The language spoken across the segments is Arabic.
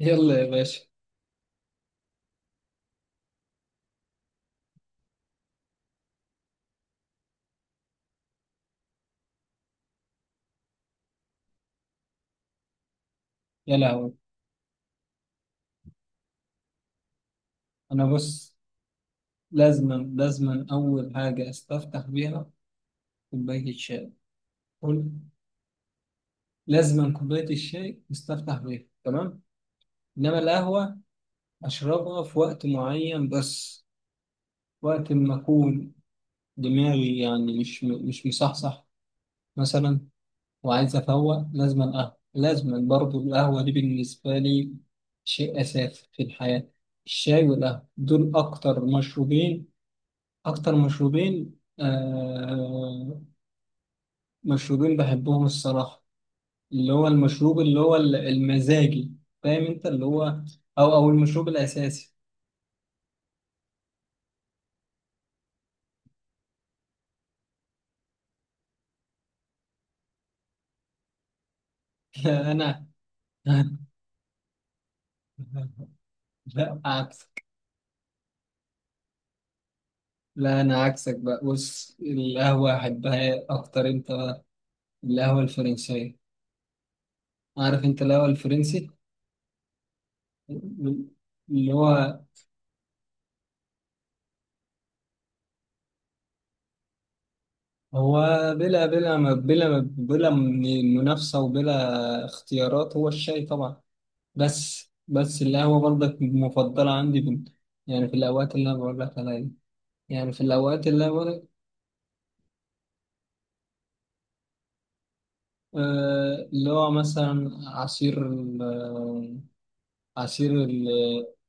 يلا يا باشا. يا لهوي، انا بص. لازما اول حاجه استفتح بيها كوبايه الشاي. قول، لازما كوبايه الشاي استفتح بيها، تمام. انما القهوه اشربها في وقت معين بس، وقت ما اكون دماغي يعني مش مصحصح مثلا، وعايز افوق لازما قهوه، لازما برضو القهوه دي بالنسبه لي شيء اساسي في الحياه. الشاي والقهوه دول اكتر مشروبين، أكتر مشروبين آه مشروبين بحبهم الصراحة. اللي هو المشروب، اللي هو المزاجي، فاهم أنت، اللي هو أو أو المشروب الأساسي. لا أنا لا عكسك، لا أنا عكسك بقى. بص، القهوة أحبها أكتر. أنت القهوة الفرنسية، عارف أنت القهوة الفرنسي. اللي هو هو بلا من منافسة وبلا اختيارات، هو الشاي طبعا. بس القهوة برضك مفضلة عندي بال... يعني في الأوقات اللي أنا بقول لك عليها دي. يعني في الأوقات اللي أنا بقول لك. آه اللي هو مثلا عصير ال... آه، عصير ال...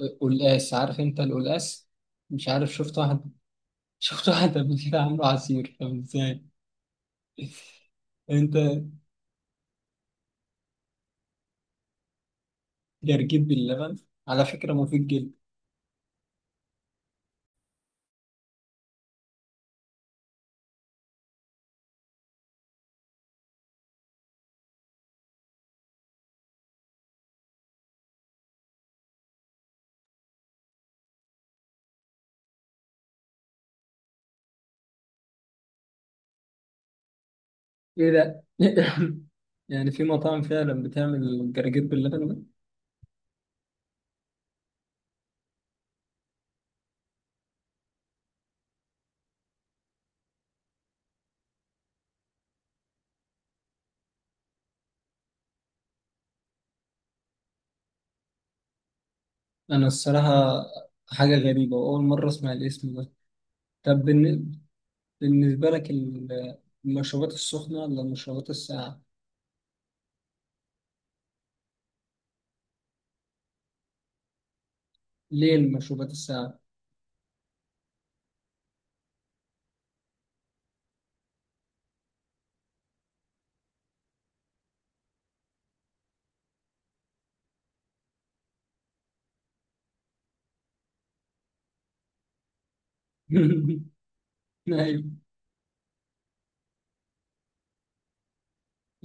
آه، القلقاس، عارف أنت القلقاس؟ مش عارف، شفت واحد شفت واحد قبل كده عامله عصير، طب إزاي؟ أنت، جرجير باللبن، على فكرة مفيد جدا. إيه ده؟ يعني في مطاعم فعلا بتعمل جرجير باللبن ده؟ أنا الصراحة حاجة غريبة، وأول مرة أسمع الاسم ده. طب بالنسبة لك المشروبات السخنة ولا المشروبات الساقعة؟ ليه المشروبات الساقعة؟ أيوة.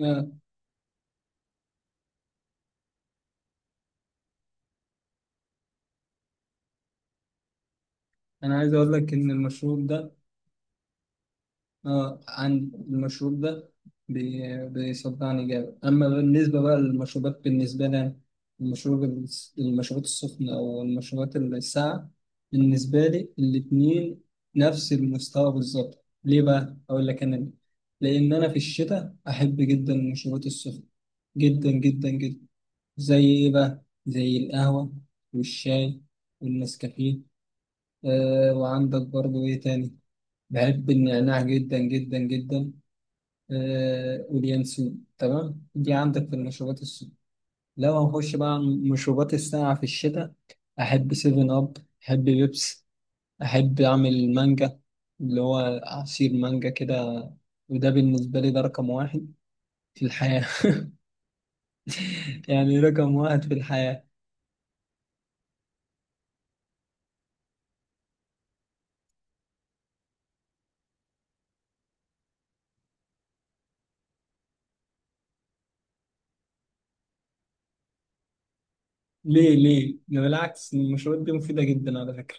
آه، أنا عايز أقول لك إن المشروب ده، اه عن المشروب ده، بيصدعني جامد. اما بالنسبه بقى للمشروبات، بالنسبه لي أنا، المشروب المشروبات السخنه او المشروبات الساقعه، بالنسبه لي الاتنين نفس المستوى بالظبط. ليه بقى اقول لك انا ليه؟ لان انا في الشتاء احب جدا المشروبات السخنه، جدا جدا جدا. زي ايه بقى؟ زي القهوه والشاي والنسكافيه. آه، وعندك برضو ايه تاني؟ بحب النعناع جدا جدا جدا، آه، واليانسون، تمام. دي عندك في المشروبات السخنة. لو هنخش بقى على المشروبات الساقعة في الشتاء، أحب سيفن أب، أحب بيبس، أحب أعمل مانجا، اللي هو عصير مانجا كده، وده بالنسبة لي ده رقم واحد في الحياة. يعني رقم واحد في الحياة. ليه ليه؟ ده بالعكس، المشروبات دي مفيدة جدا على فكرة.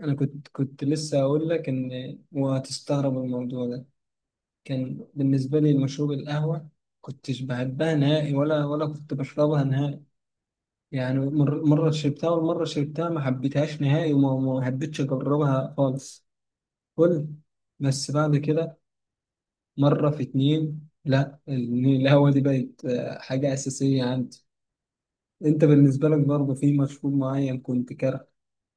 أنا كنت لسه هقول لك إن وهتستغرب الموضوع ده، كان بالنسبة لي المشروب القهوة. كنتش بحبها نهائي ولا كنت بشربها نهائي، يعني مرة شربتها والمرة شربتها ما حبيتهاش نهائي، وما ما حبيتش أجربها خالص. قل. بس بعد كده مرة في اتنين، لا القهوة دي بقت آه، حاجة أساسية عندي. أنت بالنسبة لك برضه في مشروب معين كنت كاره،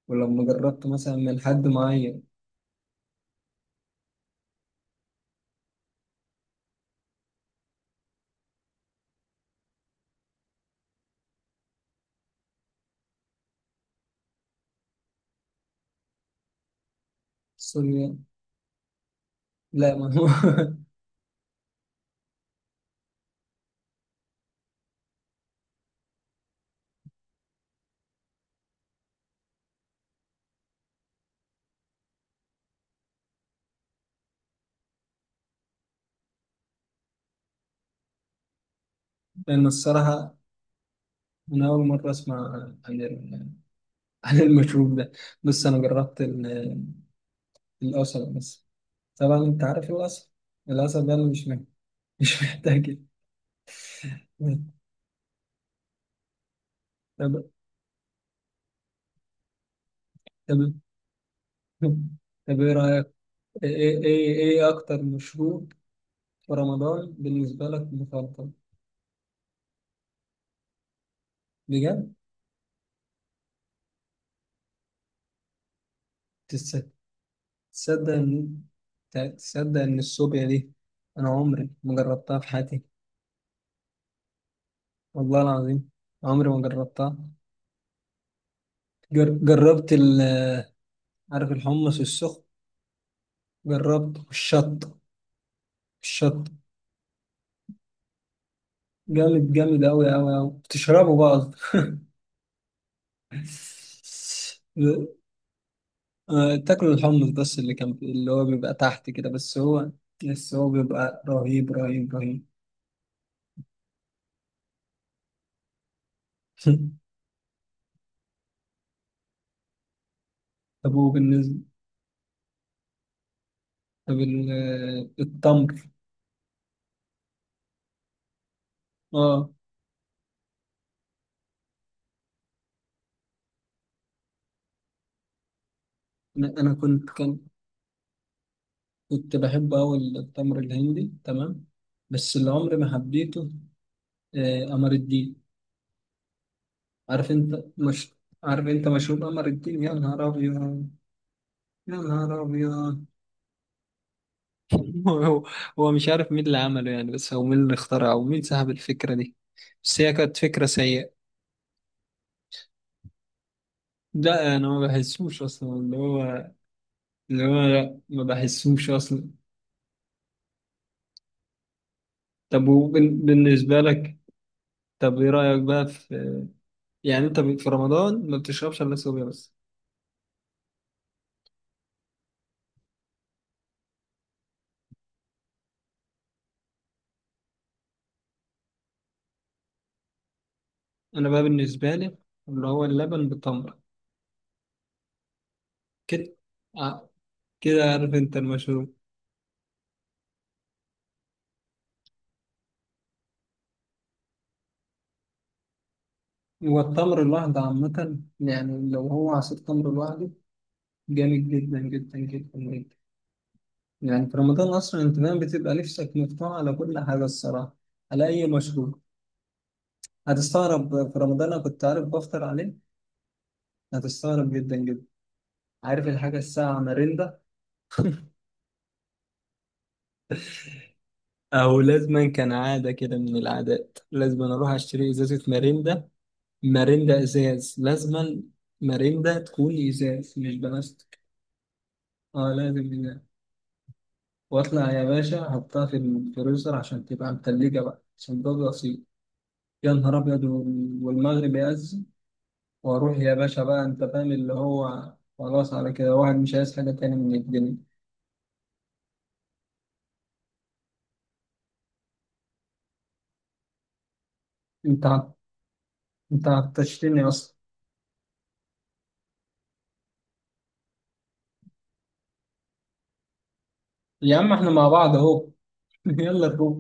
ولما جربته مثلا من حد معين؟ سوري، لا ما هو لأن الصراحة أنا أول مرة أسمع عن، عن المشروب ده. بص انا جربت القصب بس، طبعا انت عارف القصب، القصب ده اللي مش محتاج، مش محتاج. طب، طب طب ايه رايك؟ ايه ايه ايه إيه اكتر مشروب في رمضان بالنسبه لك مفضل؟ بجد. تصدق، تصدق ان، تصدق ان الصوبيا دي انا عمري ما جربتها في حياتي، والله العظيم عمري ما جربتها. جر... جربت ال... عارف الحمص السخن؟ جربت الشطه، الشط جامد جامد أوي أوي أوي. بتشربه بقى قصدي. آه، تاكلوا الحمص بس اللي كان اللي هو بيبقى تحت كده، بس هو، بس هو بيبقى رهيب رهيب رهيب. طب هو بالنسبة، طب آه، التمر؟ اه. أنا كنت بحب أوي التمر الهندي، تمام. بس اللي عمري ما حبيته، آه، قمر الدين. عارف أنت مش، عارف أنت مشروب قمر الدين؟ يا نهار أبيض، يا نهار أبيض. هو، هو مش عارف مين اللي عمله يعني، بس هو مين اللي اخترعه ومين سحب الفكرة دي؟ بس هي كانت فكرة سيئة. لا أنا ما بحسوش أصلا، اللي هو، اللي هو لا ما بحسوش أصلا. طب وبالنسبة لك، طب إيه رأيك بقى في، يعني أنت في رمضان ما بتشربش إلا صوبيا بس؟ أنا بقى بالنسبة لي اللي هو اللبن بالتمر كده، آه، كده. عارف أنت المشروب، والتمر لوحده عامة، يعني لو هو عصير تمر لوحده جامد جدا جدا جدا جدا. يعني في رمضان أصلا أنت دايما بتبقى نفسك مفتوح على كل حاجة الصراحة، على أي مشروب. هتستغرب في رمضان أنا كنت عارف بفطر عليه. هتستغرب جدا جدا. عارف الحاجة الساعة مرندة؟ أو لازما، كان عادة كده من العادات، لازما أروح أشتري إزازة مرندة، مرندة إزاز لازما، مرندة تكون إزاز مش بلاستيك. أه لازم إزاز، وأطلع يا باشا أحطها في الفريزر عشان تبقى متلجة بقى، عشان ده بسيط. يا نهار أبيض، والمغرب يأذن، واروح يا باشا بقى، انت فاهم اللي هو، خلاص على كده واحد مش عايز حاجة تاني من الدنيا. انت عط- انت عطشتني اصلا. يا عم احنا مع بعض اهو. يلا نروح.